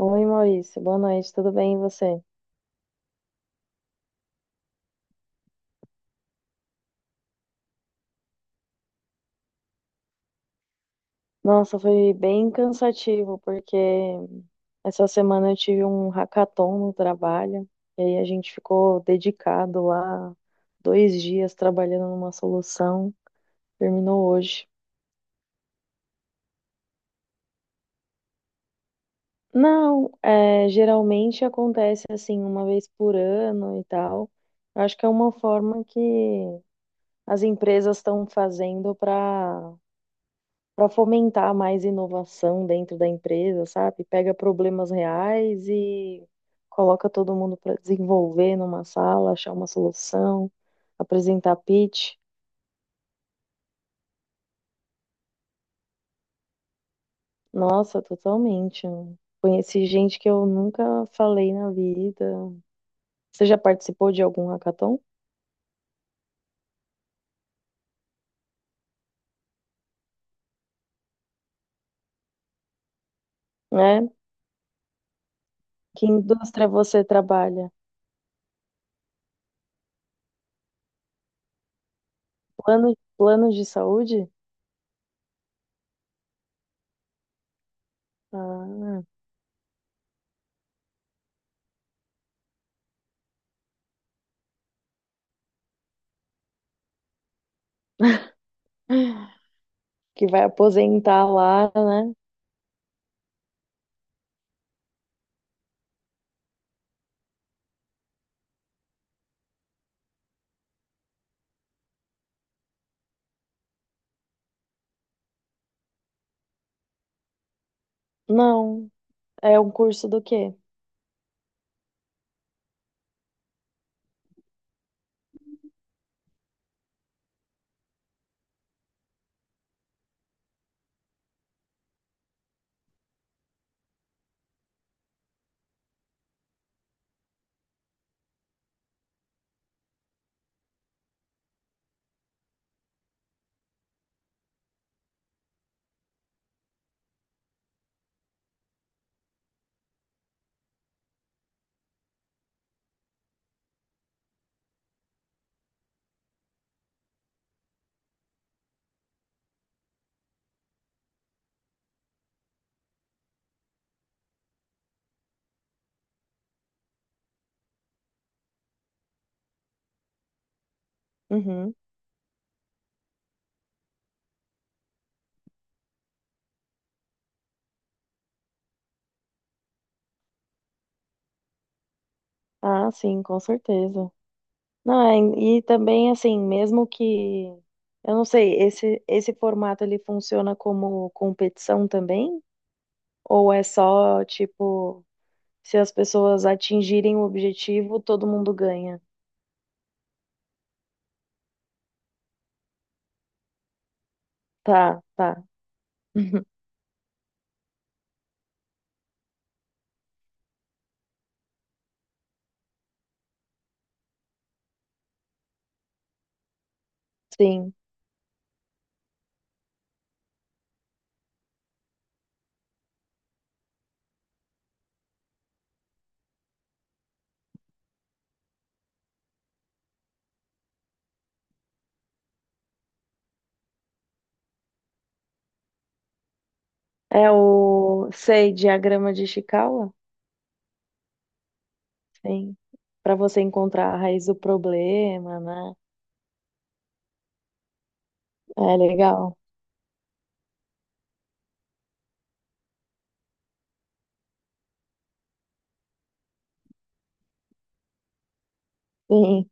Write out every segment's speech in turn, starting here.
Oi, Maurício. Boa noite, tudo bem e você? Nossa, foi bem cansativo, porque essa semana eu tive um hackathon no trabalho, e aí a gente ficou dedicado lá dois dias trabalhando numa solução. Terminou hoje. Não, é, geralmente acontece assim, uma vez por ano e tal. Eu acho que é uma forma que as empresas estão fazendo para fomentar mais inovação dentro da empresa, sabe? Pega problemas reais e coloca todo mundo para desenvolver numa sala, achar uma solução, apresentar pitch. Nossa, totalmente, né? Conheci gente que eu nunca falei na vida. Você já participou de algum hackathon, né? Que indústria você trabalha? Plano de saúde? Ah, que vai aposentar lá, né? Não. É um curso do quê? Uhum. Ah, sim, com certeza. Não, é, e também assim, mesmo que eu não sei, esse formato ele funciona como competição também? Ou é só tipo, se as pessoas atingirem o objetivo, todo mundo ganha? Tá, tá. Sim. É o, sei, diagrama de Ishikawa? Sim. Para você encontrar a raiz do problema, né? É legal. Sim.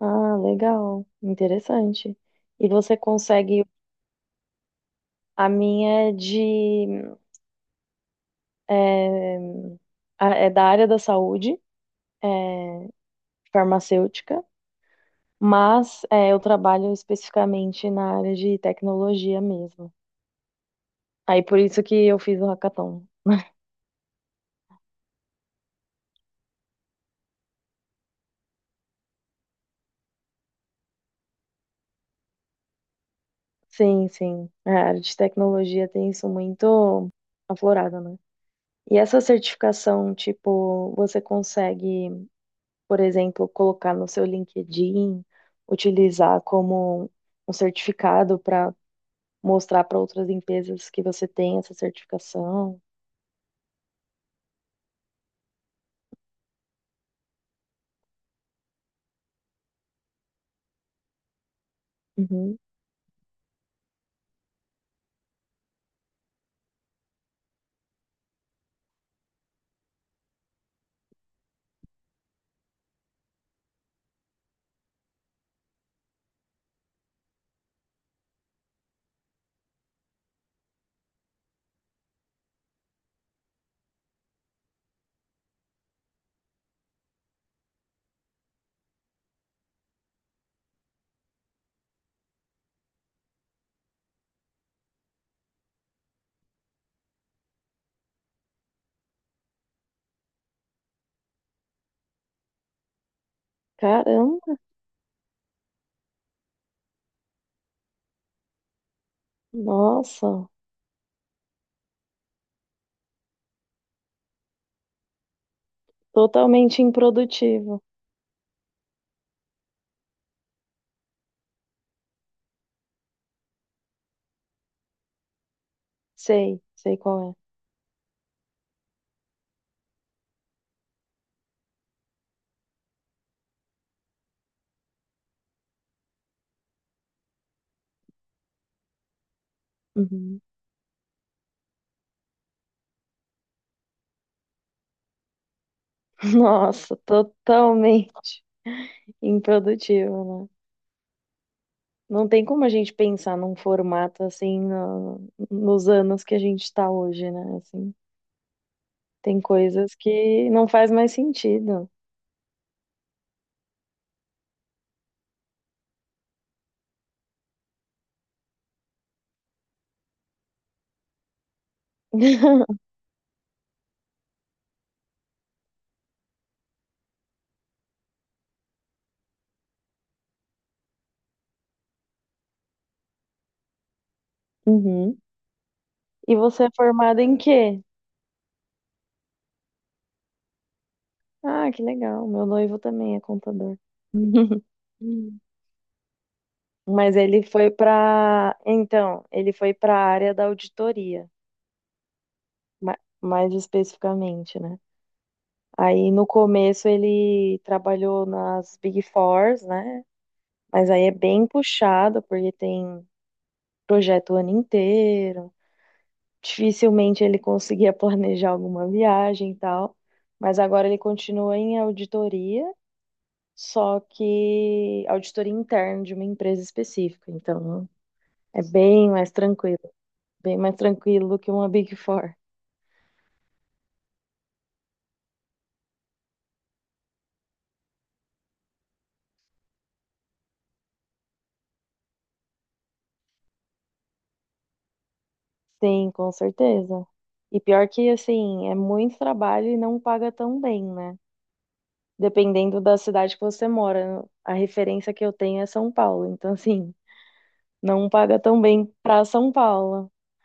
Ah, legal. Interessante. E você consegue. A minha é de, é, é da área da saúde, é, farmacêutica, mas é, eu trabalho especificamente na área de tecnologia mesmo. Aí por isso que eu fiz o hackathon. Sim, sim. A área de tecnologia tem isso muito aflorado, né? E essa certificação, tipo, você consegue, por exemplo, colocar no seu LinkedIn, utilizar como um certificado para mostrar para outras empresas que você tem essa certificação. Uhum. Caramba, nossa, totalmente improdutivo. Sei, sei qual é. Uhum. Nossa, totalmente improdutivo, né? Não tem como a gente pensar num formato assim nos anos que a gente está hoje, né? Assim, tem coisas que não faz mais sentido. Uhum. E você é formada em quê? Ah, que legal. Meu noivo também é contador. Mas ele foi para, então, ele foi para a área da auditoria, mais especificamente, né? Aí no começo ele trabalhou nas Big Fours, né? Mas aí é bem puxado porque tem projeto o ano inteiro. Dificilmente ele conseguia planejar alguma viagem e tal. Mas agora ele continua em auditoria, só que auditoria interna de uma empresa específica. Então, é bem mais tranquilo do que uma Big Four. Sim, com certeza. E pior que, assim, é muito trabalho e não paga tão bem, né? Dependendo da cidade que você mora. A referência que eu tenho é São Paulo. Então, assim, não paga tão bem pra São Paulo.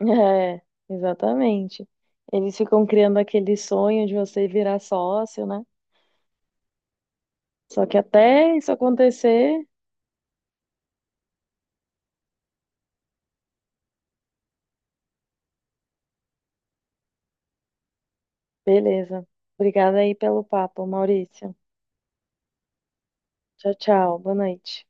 É, exatamente. Eles ficam criando aquele sonho de você virar sócio, né? Só que até isso acontecer. Beleza. Obrigada aí pelo papo, Maurício. Tchau, tchau. Boa noite.